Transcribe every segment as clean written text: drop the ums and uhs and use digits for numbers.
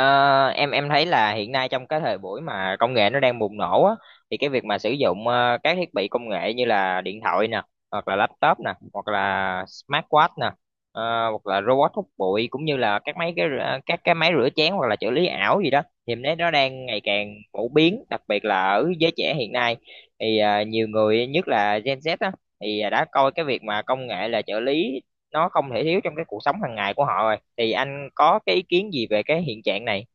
Ờ, em thấy là hiện nay trong cái thời buổi mà công nghệ nó đang bùng nổ á, thì cái việc mà sử dụng các thiết bị công nghệ như là điện thoại nè, hoặc là laptop nè, hoặc là smartwatch nè, ờ, hoặc là robot hút bụi cũng như là các cái máy rửa chén hoặc là trợ lý ảo gì đó, thì em thấy nó đang ngày càng phổ biến, đặc biệt là ở giới trẻ hiện nay. Thì nhiều người nhất là Gen Z á, thì đã coi cái việc mà công nghệ là trợ lý, nó không thể thiếu trong cái cuộc sống hàng ngày của họ rồi. Thì anh có cái ý kiến gì về cái hiện trạng này?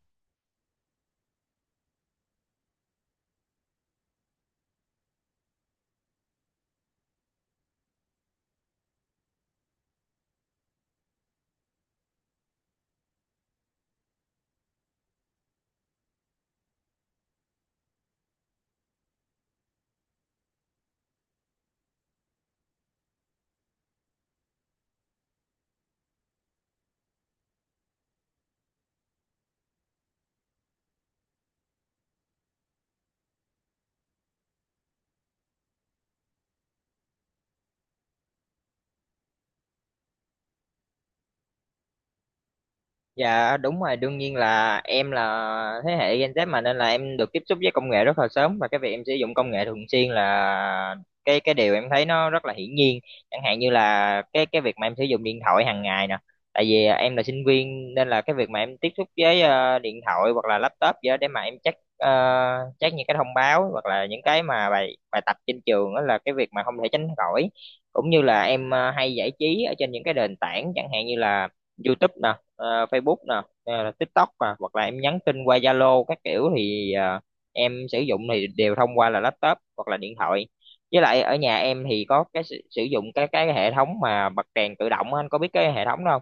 Dạ đúng rồi, đương nhiên là em là thế hệ Gen Z mà nên là em được tiếp xúc với công nghệ rất là sớm, và cái việc em sử dụng công nghệ thường xuyên là cái điều em thấy nó rất là hiển nhiên. Chẳng hạn như là cái việc mà em sử dụng điện thoại hàng ngày nè. Tại vì à, em là sinh viên nên là cái việc mà em tiếp xúc với điện thoại hoặc là laptop gì đó để mà em check check những cái thông báo hoặc là những cái mà bài bài tập trên trường, đó là cái việc mà không thể tránh khỏi. Cũng như là em hay giải trí ở trên những cái nền tảng chẳng hạn như là YouTube nè, Facebook nè, hay TikTok nè, hoặc là em nhắn tin qua Zalo các kiểu, thì em sử dụng thì đều thông qua là laptop hoặc là điện thoại. Với lại ở nhà em thì có cái sử sử dụng cái hệ thống mà bật đèn tự động á, anh có biết cái hệ thống đó không?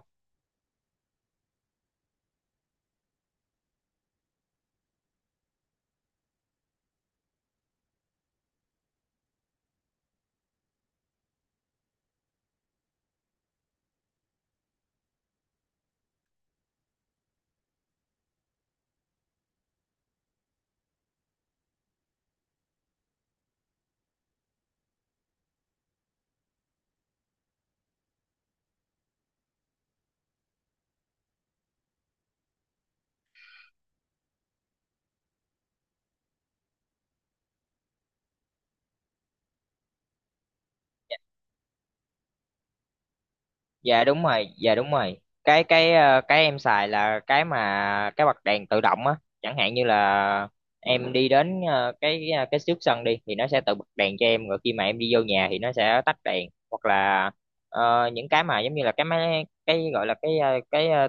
Dạ đúng rồi, dạ đúng rồi, cái em xài là cái mà cái bật đèn tự động á. Chẳng hạn như là em đi đến cái trước sân đi thì nó sẽ tự bật đèn cho em, rồi khi mà em đi vô nhà thì nó sẽ tắt đèn. Hoặc là những cái mà giống như là cái máy, cái gọi là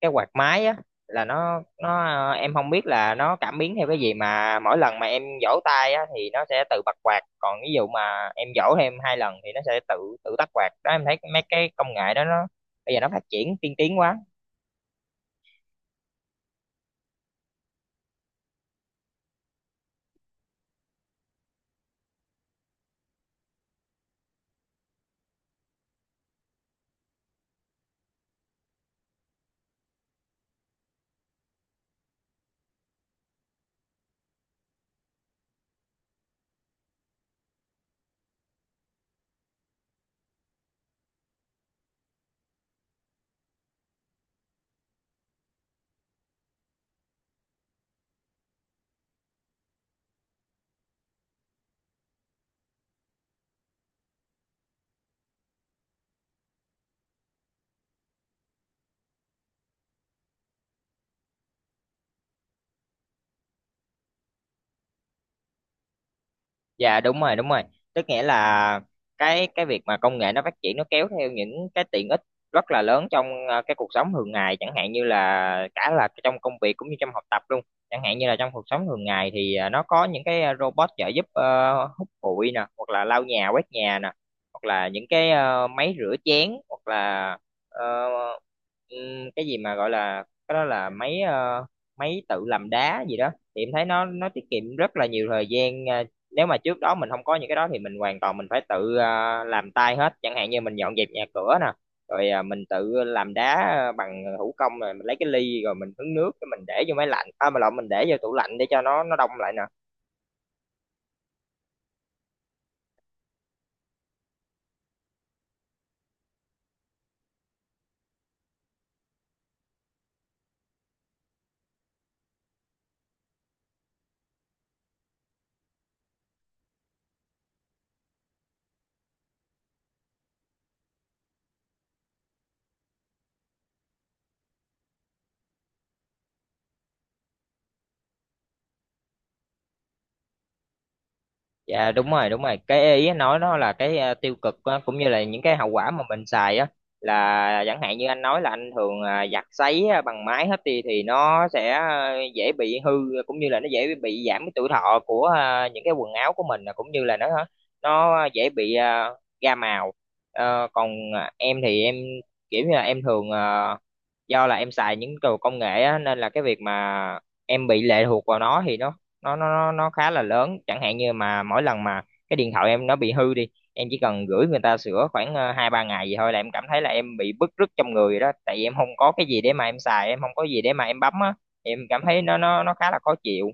cái quạt máy á, là nó em không biết là nó cảm biến theo cái gì mà mỗi lần mà em vỗ tay á, thì nó sẽ tự bật quạt, còn ví dụ mà em vỗ thêm hai lần thì nó sẽ tự tự tắt quạt đó. Em thấy mấy cái công nghệ đó nó bây giờ nó phát triển tiên tiến quá. Dạ đúng rồi đúng rồi, tức nghĩa là cái việc mà công nghệ nó phát triển nó kéo theo những cái tiện ích rất là lớn trong cái cuộc sống thường ngày, chẳng hạn như là cả là trong công việc cũng như trong học tập luôn. Chẳng hạn như là trong cuộc sống thường ngày thì nó có những cái robot trợ giúp hút bụi nè, hoặc là lau nhà quét nhà nè, hoặc là những cái máy rửa chén, hoặc là ờ, cái gì mà gọi là cái đó là máy tự làm đá gì đó, thì em thấy nó tiết kiệm rất là nhiều thời gian. Ờ, Nếu mà trước đó mình không có những cái đó thì mình hoàn toàn mình phải tự à, làm tay hết, chẳng hạn như mình dọn dẹp nhà cửa nè, rồi à, mình tự làm đá à, bằng thủ công, rồi mình lấy cái ly rồi mình hứng nước cái mình để vô máy lạnh, à mà lộn, mình để vô tủ lạnh để cho nó đông lại nè. Dạ đúng rồi đúng rồi, cái ý anh nói nó là cái à, tiêu cực á, cũng như là những cái hậu quả mà mình xài á, là chẳng hạn như anh nói là anh thường à, giặt sấy à, bằng máy hết đi thì nó sẽ à, dễ bị hư, cũng như là nó dễ bị giảm cái tuổi thọ của à, những cái quần áo của mình, à, cũng như là nó dễ bị à, ra màu. Ờ, còn à, em thì em kiểu như là em thường à, do là em xài những đồ công nghệ á, nên là cái việc mà em bị lệ thuộc vào nó thì nó khá là lớn. Chẳng hạn như mà mỗi lần mà cái điện thoại em nó bị hư đi, em chỉ cần gửi người ta sửa khoảng hai ba ngày gì thôi là em cảm thấy là em bị bứt rứt trong người rồi đó, tại vì em không có cái gì để mà em xài, em không có gì để mà em bấm á, em cảm thấy nó khá là khó chịu.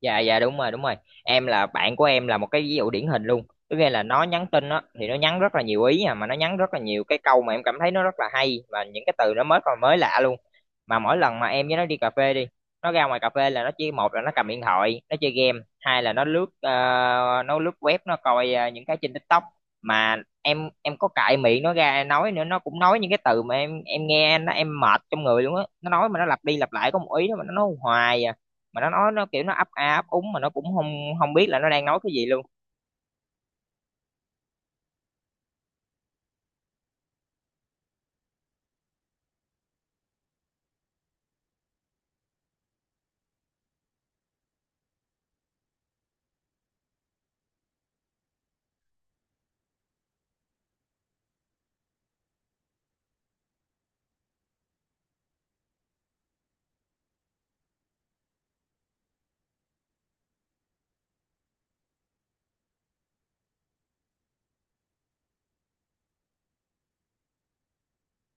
Dạ dạ đúng rồi đúng rồi, em là bạn của em là một cái ví dụ điển hình luôn. Tức nghĩa là nó nhắn tin á thì nó nhắn rất là nhiều ý, à mà nó nhắn rất là nhiều cái câu mà em cảm thấy nó rất là hay và những cái từ nó mới còn mới lạ luôn. Mà mỗi lần mà em với nó đi cà phê đi, nó ra ngoài cà phê là nó chỉ, một là nó cầm điện thoại nó chơi game, hai là nó lướt nó lướt web, nó coi những cái trên TikTok. Mà em có cãi miệng nó ra nói nữa, nó cũng nói những cái từ mà em nghe nó em mệt trong người luôn á, nó nói mà nó lặp đi lặp lại có một ý đó mà nó nói hoài à, mà nó nói nó kiểu nó ấp a ấp úng mà nó cũng không không biết là nó đang nói cái gì luôn.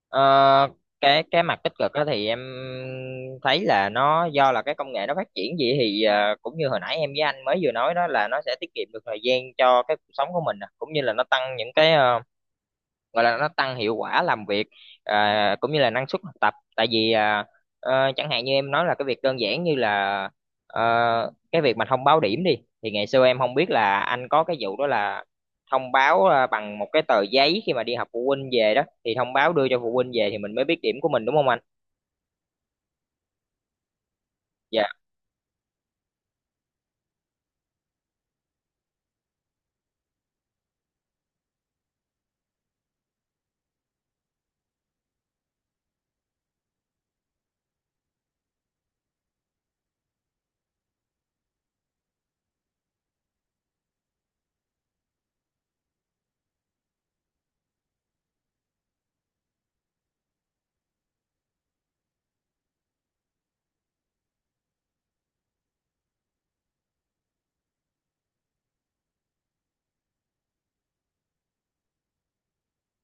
ờ, cái mặt tích cực đó thì em thấy là nó do là cái công nghệ nó phát triển gì thì cũng như hồi nãy em với anh mới vừa nói đó, là nó sẽ tiết kiệm được thời gian cho cái cuộc sống của mình nè, cũng như là nó tăng những cái gọi là nó tăng hiệu quả làm việc, à, cũng như là năng suất học tập. Tại vì à, chẳng hạn như em nói là cái việc đơn giản như là ờ, cái việc mà thông báo điểm đi, thì ngày xưa em không biết là anh có cái vụ đó, là thông báo à, bằng một cái tờ giấy khi mà đi học phụ huynh về đó, thì thông báo đưa cho phụ huynh về thì mình mới biết điểm của mình, đúng không anh? Dạ.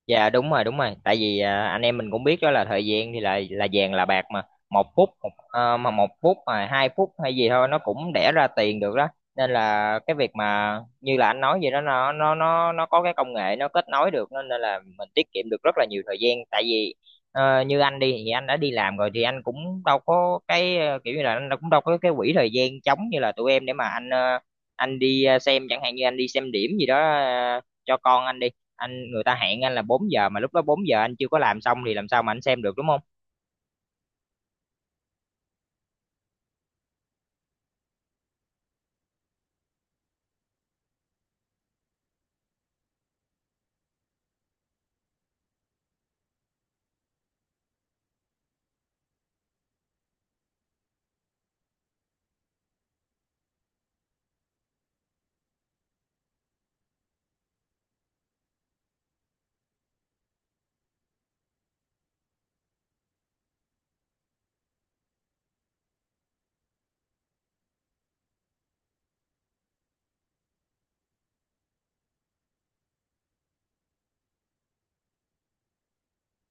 Dạ đúng rồi đúng rồi, tại vì à, anh em mình cũng biết đó, là thời gian thì là vàng là bạc mà, một phút một, mà một phút mà hai phút hay gì thôi nó cũng đẻ ra tiền được đó. Nên là cái việc mà như là anh nói vậy đó, nó có cái công nghệ nó kết nối được nên nên là mình tiết kiệm được rất là nhiều thời gian. Tại vì như anh đi thì anh đã đi làm rồi thì anh cũng đâu có cái kiểu như là anh cũng đâu có cái quỹ thời gian trống như là tụi em, để mà anh anh đi xem, chẳng hạn như anh đi xem điểm gì đó cho con anh đi, anh người ta hẹn anh là 4 giờ mà lúc đó 4 giờ anh chưa có làm xong thì làm sao mà anh xem được, đúng không?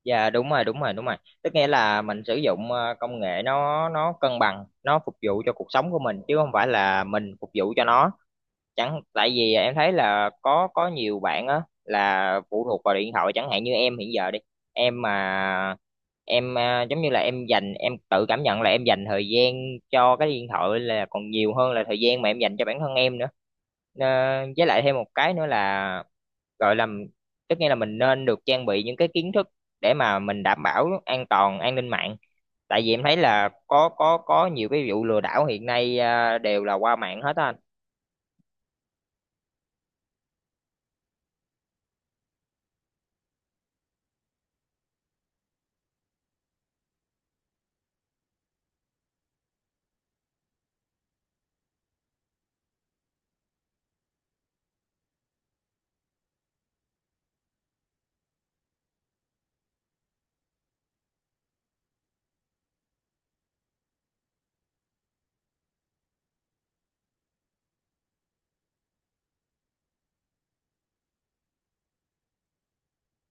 Dạ đúng rồi đúng rồi đúng rồi. Tức nghĩa là mình sử dụng công nghệ nó cân bằng, nó phục vụ cho cuộc sống của mình chứ không phải là mình phục vụ cho nó. Chẳng tại vì em thấy là có nhiều bạn á là phụ thuộc vào điện thoại, chẳng hạn như em hiện giờ đi, em mà em à, giống như là em dành, em tự cảm nhận là em dành thời gian cho cái điện thoại là còn nhiều hơn là thời gian mà em dành cho bản thân em nữa. Ờ, với lại thêm một cái nữa là gọi là tất nhiên là mình nên được trang bị những cái kiến thức để mà mình đảm bảo an toàn an ninh mạng, tại vì em thấy là có nhiều cái vụ lừa đảo hiện nay à, đều là qua mạng hết á anh.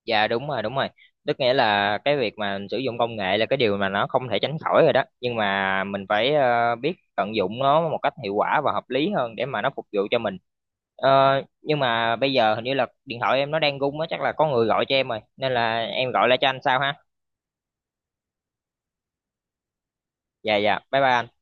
Dạ đúng rồi đúng rồi, tức nghĩa là cái việc mà mình sử dụng công nghệ là cái điều mà nó không thể tránh khỏi rồi đó, nhưng mà mình phải biết tận dụng nó một cách hiệu quả và hợp lý hơn để mà nó phục vụ cho mình. Ờ, nhưng mà bây giờ hình như là điện thoại em nó đang rung á, chắc là có người gọi cho em rồi, nên là em gọi lại cho anh sau ha. Dạ dạ, bye bye anh.